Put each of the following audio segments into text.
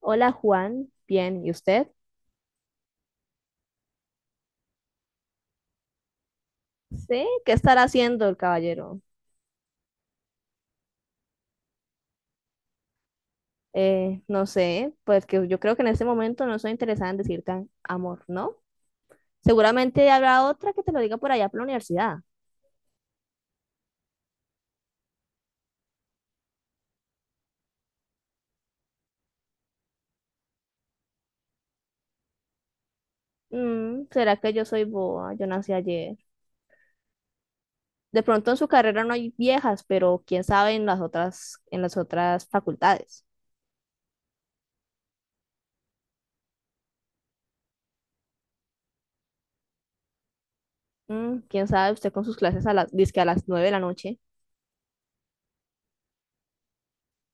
Hola Juan, bien, ¿y usted? Sí, ¿qué estará haciendo el caballero? No sé, pues que yo creo que en este momento no soy interesada en decirte amor, ¿no? Seguramente habrá otra que te lo diga por allá por la universidad. Mm, ¿será que yo soy boa? Yo nací ayer. De pronto en su carrera no hay viejas, pero quién sabe en las otras facultades. Mm, quién sabe usted con sus clases a las, dizque a las nueve de la noche.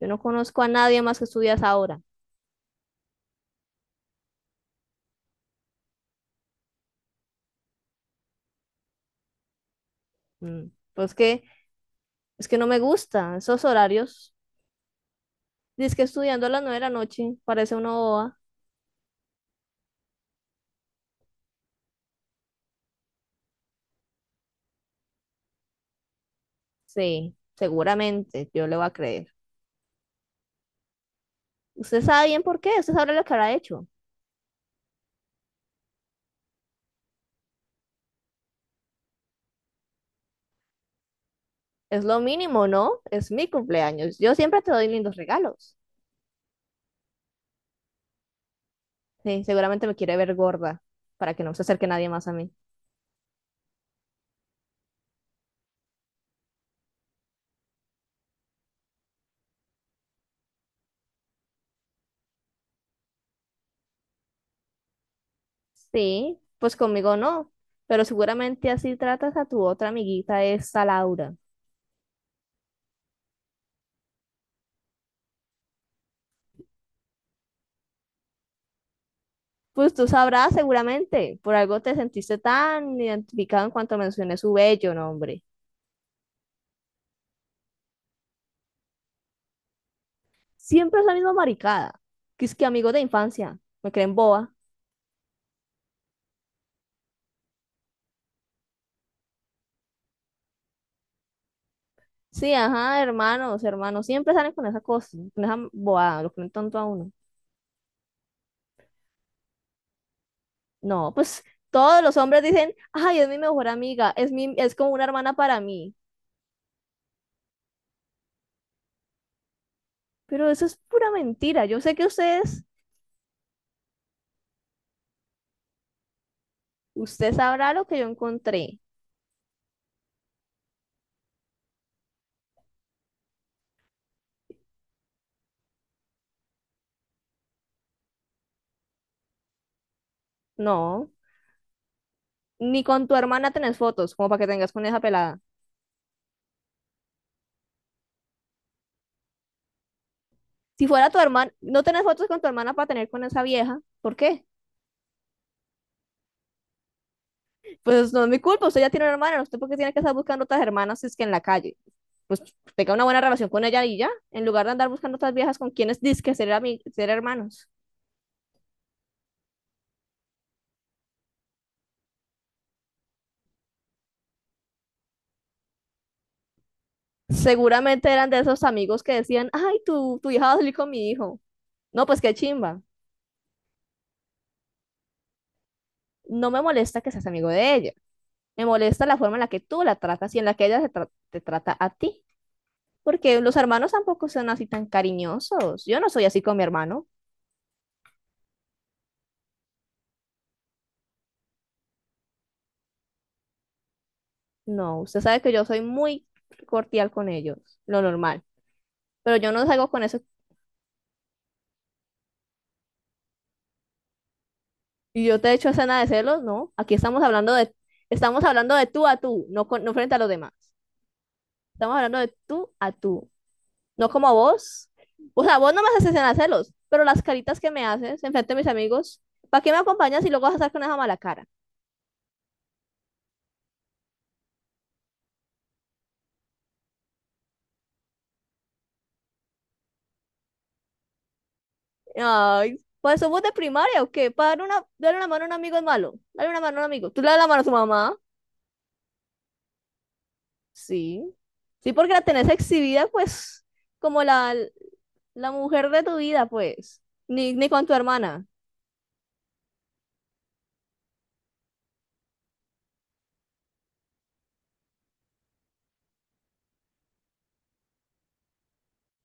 Yo no conozco a nadie más que estudia a esa hora. Mm, pues que es que no me gusta esos horarios. Dice que estudiando a las nueve de la noche, parece una boba. Sí, seguramente, yo le voy a creer. Usted sabe bien por qué, usted sabe lo que habrá hecho. Es lo mínimo, ¿no? Es mi cumpleaños. Yo siempre te doy lindos regalos. Sí, seguramente me quiere ver gorda para que no se acerque nadie más a mí. Sí, pues conmigo no, pero seguramente así tratas a tu otra amiguita, esta Laura. Pues tú sabrás seguramente, por algo te sentiste tan identificado en cuanto mencioné su bello nombre. Siempre es la misma maricada. Que es que amigos de infancia, me creen boba. Sí, ajá, hermanos, hermanos, siempre salen con esa cosa, con esa bobada, lo ponen tonto a uno. No, pues todos los hombres dicen, ay, es mi mejor amiga, es como una hermana para mí. Pero eso es pura mentira. Yo sé que ustedes, usted sabrá lo que yo encontré. No, ni con tu hermana tenés fotos, como para que tengas con esa pelada. Si fuera tu hermana, no tenés fotos con tu hermana para tener con esa vieja, ¿por qué? Pues no es mi culpa, usted ya tiene una hermana, usted porque tiene que estar buscando otras hermanas si es que en la calle. Pues tenga una buena relación con ella y ya, en lugar de andar buscando otras viejas con quienes dizque ser hermanos. Seguramente eran de esos amigos que decían, ay, tu hija va a salir con mi hijo. No, pues qué chimba. No me molesta que seas amigo de ella. Me molesta la forma en la que tú la tratas y en la que ella te trata a ti. Porque los hermanos tampoco son así tan cariñosos. Yo no soy así con mi hermano. No, usted sabe que yo soy muy cordial con ellos, lo normal. Pero yo no salgo con eso. Y yo te he hecho escena de celos, no. Aquí estamos hablando de tú a tú, no, con, no frente a los demás. Estamos hablando de tú a tú, no como vos. O sea, vos no me haces escena de celos, pero las caritas que me haces enfrente de mis amigos, ¿para qué me acompañas y luego vas a estar con esa mala cara? Ay, ¿pues somos de primaria o qué? Para darle una mano a un amigo es malo. Dale una mano a un amigo. Tú le das la mano a tu mamá. Sí. Sí, porque la tenés exhibida, pues, como la, la mujer de tu vida, pues. Ni con tu hermana.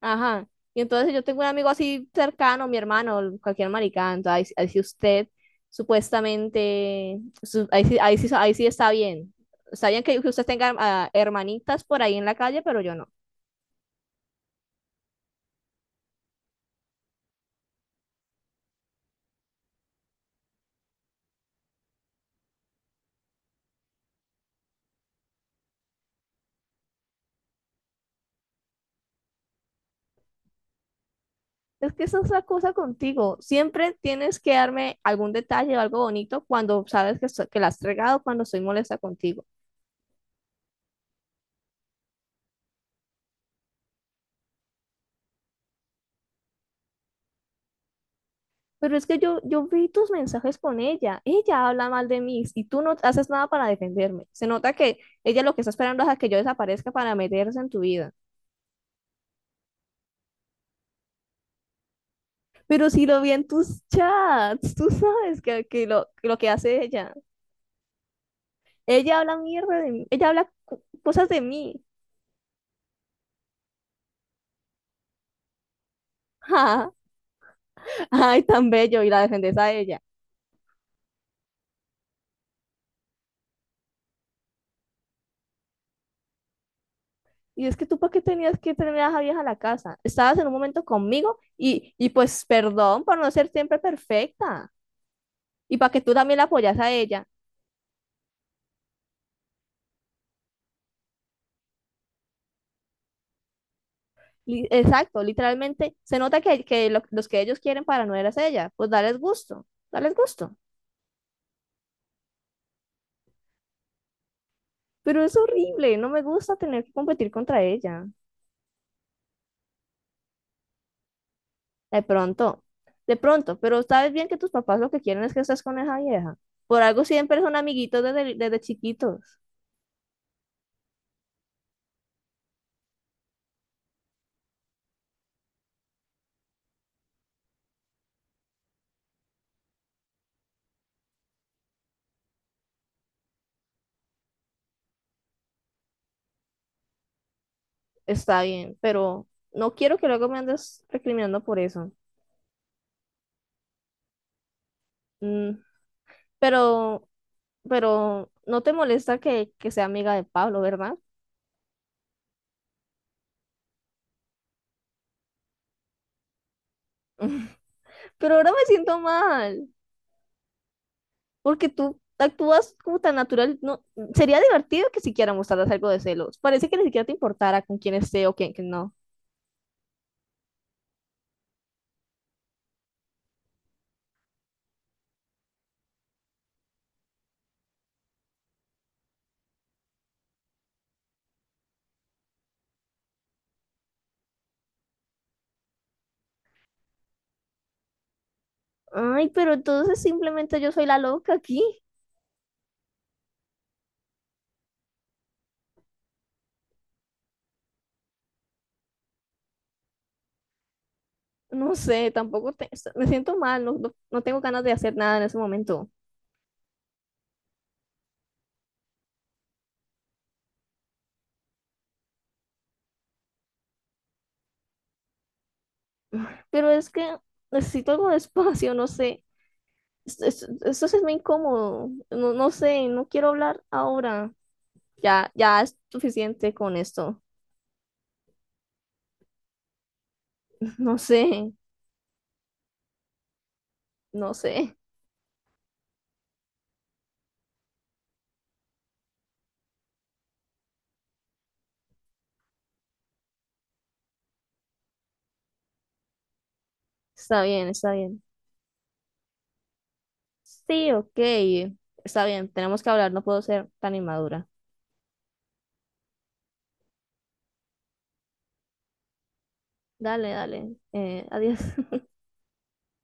Ajá. Y entonces si yo tengo un amigo así cercano, mi hermano, cualquier maricán, entonces ahí sí usted ahí, ahí sí está bien. Está bien que usted tenga hermanitas por ahí en la calle, pero yo no. Es que esa es la cosa contigo. Siempre tienes que darme algún detalle o algo bonito cuando sabes que, que la has regado, cuando soy molesta contigo. Pero es que yo vi tus mensajes con ella. Ella habla mal de mí y tú no haces nada para defenderme. Se nota que ella lo que está esperando es a que yo desaparezca para meterse en tu vida. Pero si lo vi en tus chats, tú sabes que, que lo que hace ella. Ella habla mierda de mí. Ella habla cosas de mí. Ja, ja. Ay, tan bello. Y la defendes a ella. Y es que tú, ¿para qué tenías que tener a esa vieja a la casa? Estabas en un momento conmigo y pues perdón por no ser siempre perfecta. Y para que tú también la apoyas a ella. Li- Exacto, literalmente se nota que, los que ellos quieren para no eras ella, pues dales gusto, dales gusto. Pero es horrible, no me gusta tener que competir contra ella. De pronto, de pronto, pero sabes bien que tus papás lo que quieren es que estés con esa vieja. Por algo siempre son amiguitos desde chiquitos. Está bien, pero no quiero que luego me andes recriminando por eso. Mm, pero, pero no te molesta que sea amiga de Pablo, ¿verdad? Pero ahora me siento mal. Porque tú actúas como tan natural. No, sería divertido que siquiera mostraras algo de celos. Parece que ni siquiera te importara con quién esté o quién que no. Ay, pero entonces simplemente yo soy la loca aquí. No sé, tampoco me siento mal, no, no, no tengo ganas de hacer nada en ese momento. Pero es que necesito algo de espacio, no sé. Esto, esto sí es muy incómodo. No, no sé, no quiero hablar ahora. Ya, ya es suficiente con esto. No sé, no sé. Está bien, está bien. Sí, ok. Está bien, tenemos que hablar, no puedo ser tan inmadura. Dale, dale. Adiós.